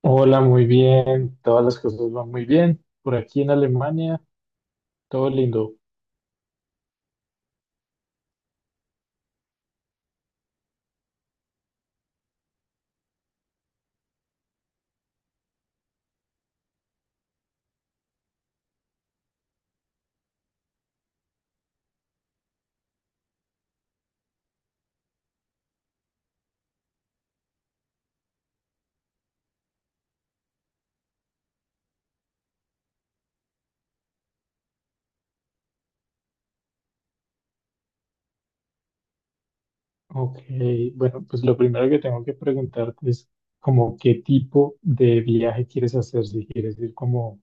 Hola, muy bien. Todas las cosas van muy bien. Por aquí en Alemania, todo lindo. Ok, bueno, pues lo primero que tengo que preguntarte es como qué tipo de viaje quieres hacer, si quieres ir como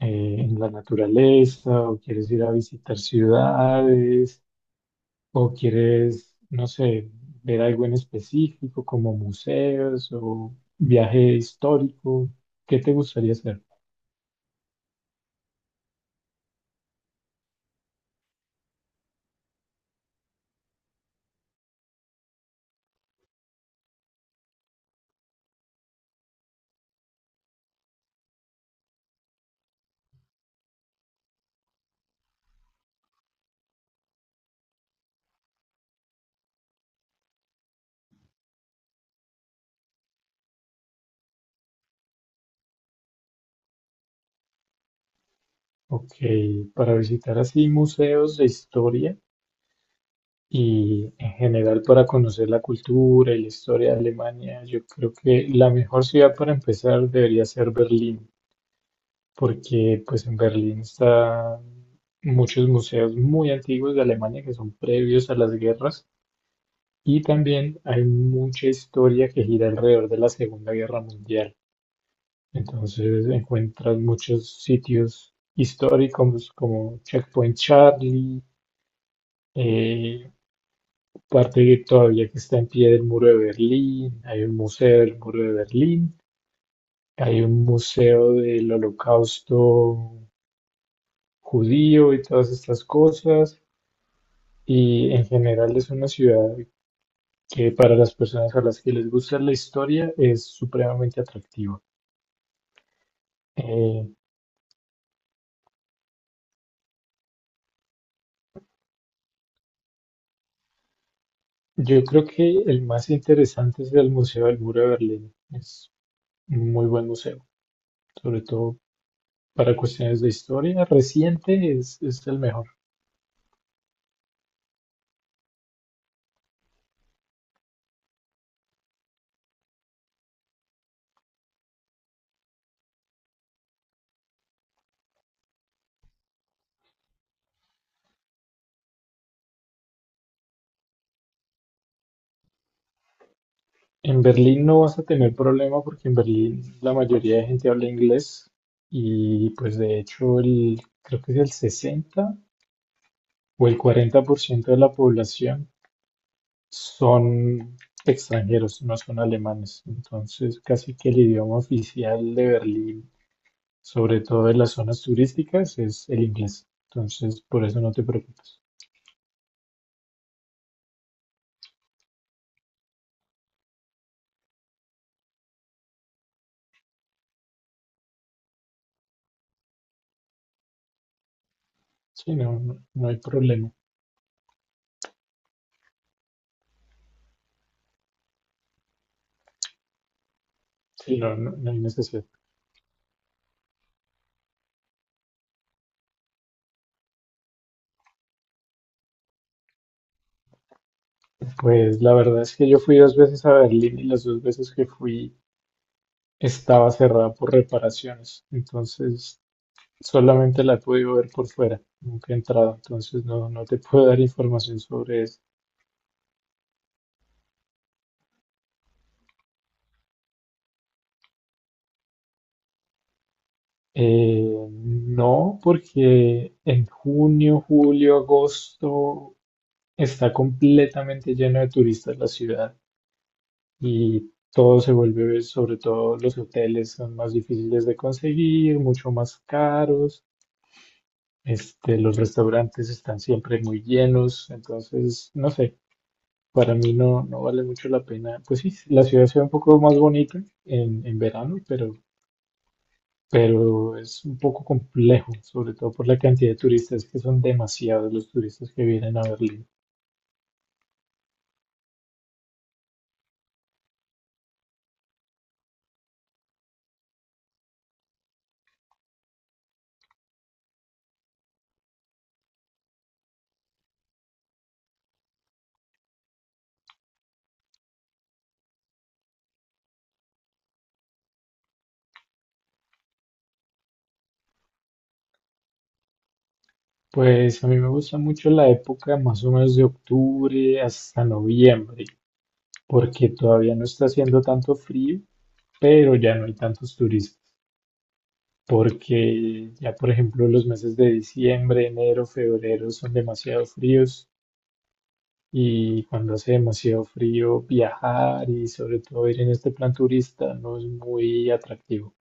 en la naturaleza o quieres ir a visitar ciudades o quieres, no sé, ver algo en específico como museos o viaje histórico. ¿Qué te gustaría hacer? Ok, para visitar así museos de historia. Y en general para conocer la cultura y la historia de Alemania, yo creo que la mejor ciudad para empezar debería ser Berlín, porque pues en Berlín están muchos museos muy antiguos de Alemania que son previos a las guerras y también hay mucha historia que gira alrededor de la Segunda Guerra Mundial. Entonces encuentras muchos sitios históricos como Checkpoint Charlie, eh, parte todavía que está en pie del muro de Berlín, hay un museo del muro de Berlín, hay un museo del holocausto judío y todas estas cosas, y en general es una ciudad que para las personas a las que les gusta la historia es supremamente atractiva. Eh, yo creo que el más interesante es el Museo del Muro de Berlín, es un muy buen museo, sobre todo para cuestiones de historia reciente es el mejor. En Berlín no vas a tener problema porque en Berlín la mayoría de gente habla inglés y pues de hecho el, creo que es el 60 o el 40% de la población son extranjeros, no son alemanes. Entonces casi que el idioma oficial de Berlín, sobre todo en las zonas turísticas, es el inglés. Entonces por eso no te preocupes. Sí, no, no, no hay problema. Sí, no, no, no hay necesidad. Pues la verdad es que yo fui dos veces a Berlín y las dos veces que fui estaba cerrada por reparaciones, entonces solamente la he podido ver por fuera, nunca he entrado, entonces no, no te puedo dar información sobre eso. No, porque en junio, julio, agosto está completamente lleno de turistas la ciudad y todo se vuelve, sobre todo los hoteles son más difíciles de conseguir, mucho más caros. Este, los restaurantes están siempre muy llenos, entonces, no sé, para mí no, no vale mucho la pena. Pues sí, la ciudad se ve un poco más bonita en verano, pero es un poco complejo, sobre todo por la cantidad de turistas, que son demasiados los turistas que vienen a Berlín. Pues a mí me gusta mucho la época más o menos de octubre hasta noviembre, porque todavía no está haciendo tanto frío, pero ya no hay tantos turistas, porque ya por ejemplo los meses de diciembre, enero, febrero son demasiado fríos. Y cuando hace demasiado frío, viajar y sobre todo ir en este plan turista no es muy atractivo.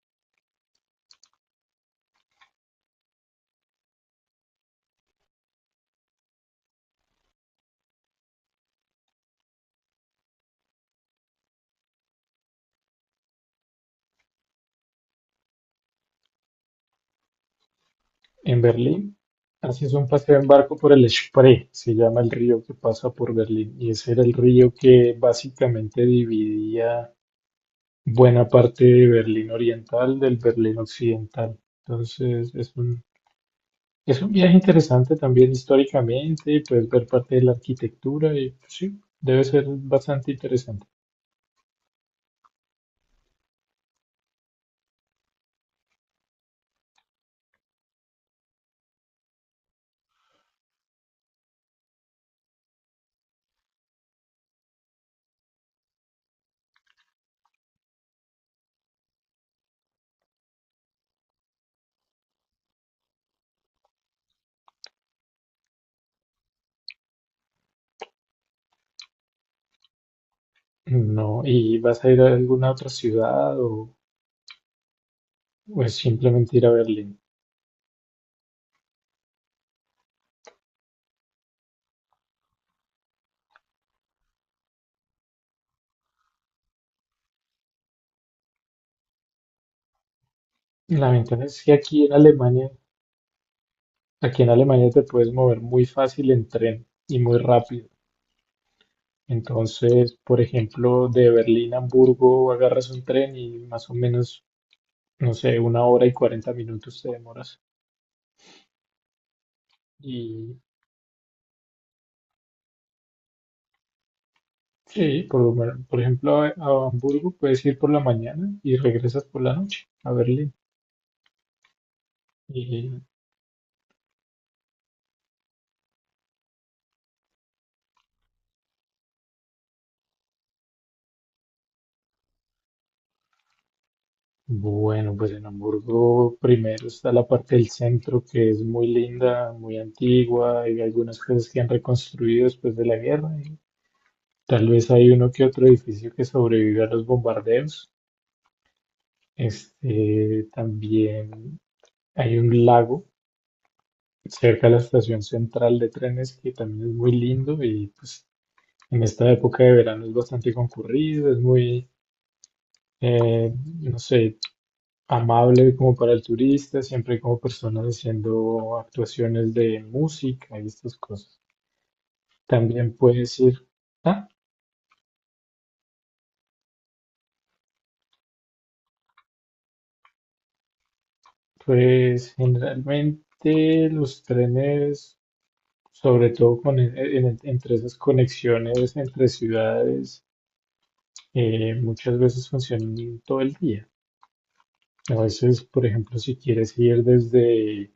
En Berlín, haces un paseo en barco por el Spree, se llama el río que pasa por Berlín. Y ese era el río que básicamente dividía buena parte de Berlín Oriental del Berlín Occidental. Entonces, es un viaje interesante también históricamente, puedes ver parte de la arquitectura y pues, sí, debe ser bastante interesante. No, ¿y vas a ir a alguna otra ciudad o es simplemente ir a Berlín? La ventaja es que aquí en Alemania te puedes mover muy fácil en tren y muy rápido. Entonces, por ejemplo, de Berlín a Hamburgo agarras un tren y más o menos, no sé, 1 hora y 40 minutos te demoras. Y sí, por, por ejemplo, a Hamburgo puedes ir por la mañana y regresas por la noche a Berlín. Bueno, pues en Hamburgo primero está la parte del centro que es muy linda, muy antigua, y algunas cosas que han reconstruido después de la guerra, y tal vez hay uno que otro edificio que sobrevive a los bombardeos. Este, también hay un lago cerca de la estación central de trenes que también es muy lindo y pues en esta época de verano es bastante concurrido, es muy, eh, no sé, amable como para el turista, siempre hay como personas haciendo actuaciones de música y estas cosas. También puedes ir, ah, pues generalmente los trenes, sobre todo entre esas conexiones entre ciudades, muchas veces funcionan todo el día. A veces, por ejemplo, si quieres ir desde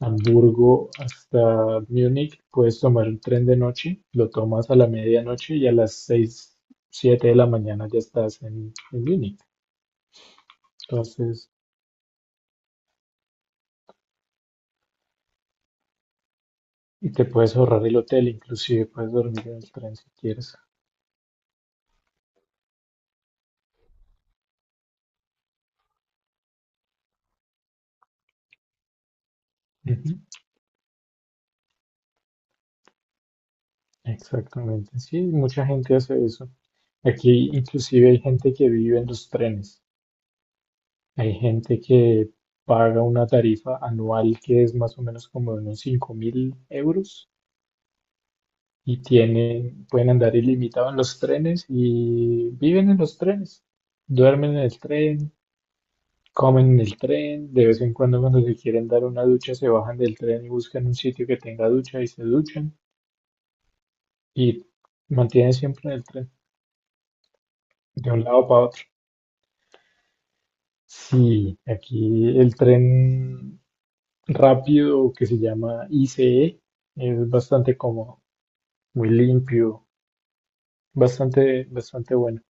Hamburgo hasta Múnich, puedes tomar un tren de noche, lo tomas a la medianoche y a las 6 7 de la mañana ya estás en Múnich. Entonces, y te puedes ahorrar el hotel, inclusive puedes dormir en el tren si quieres. Ujú, exactamente, sí, mucha gente hace eso. Aquí inclusive hay gente que vive en los trenes. Hay gente que paga una tarifa anual que es más o menos como de unos 5.000 euros y tienen, pueden andar ilimitado en los trenes y viven en los trenes, duermen en el tren, comen en el tren, de vez en cuando cuando se quieren dar una ducha se bajan del tren y buscan un sitio que tenga ducha y se duchan y mantienen siempre en el tren, de un lado para otro. Sí, aquí el tren rápido que se llama ICE es bastante cómodo, muy limpio, bastante, bastante bueno.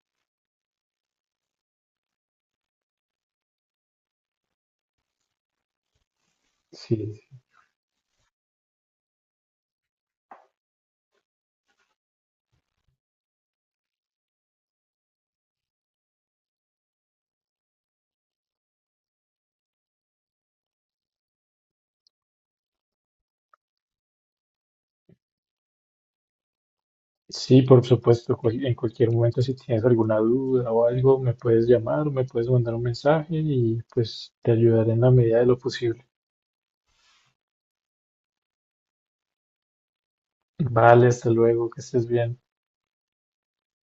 Sí, sí, por supuesto, en cualquier momento si tienes alguna duda o algo, me puedes llamar, me puedes mandar un mensaje y pues te ayudaré en la medida de lo posible. Vale, hasta luego, que estés bien.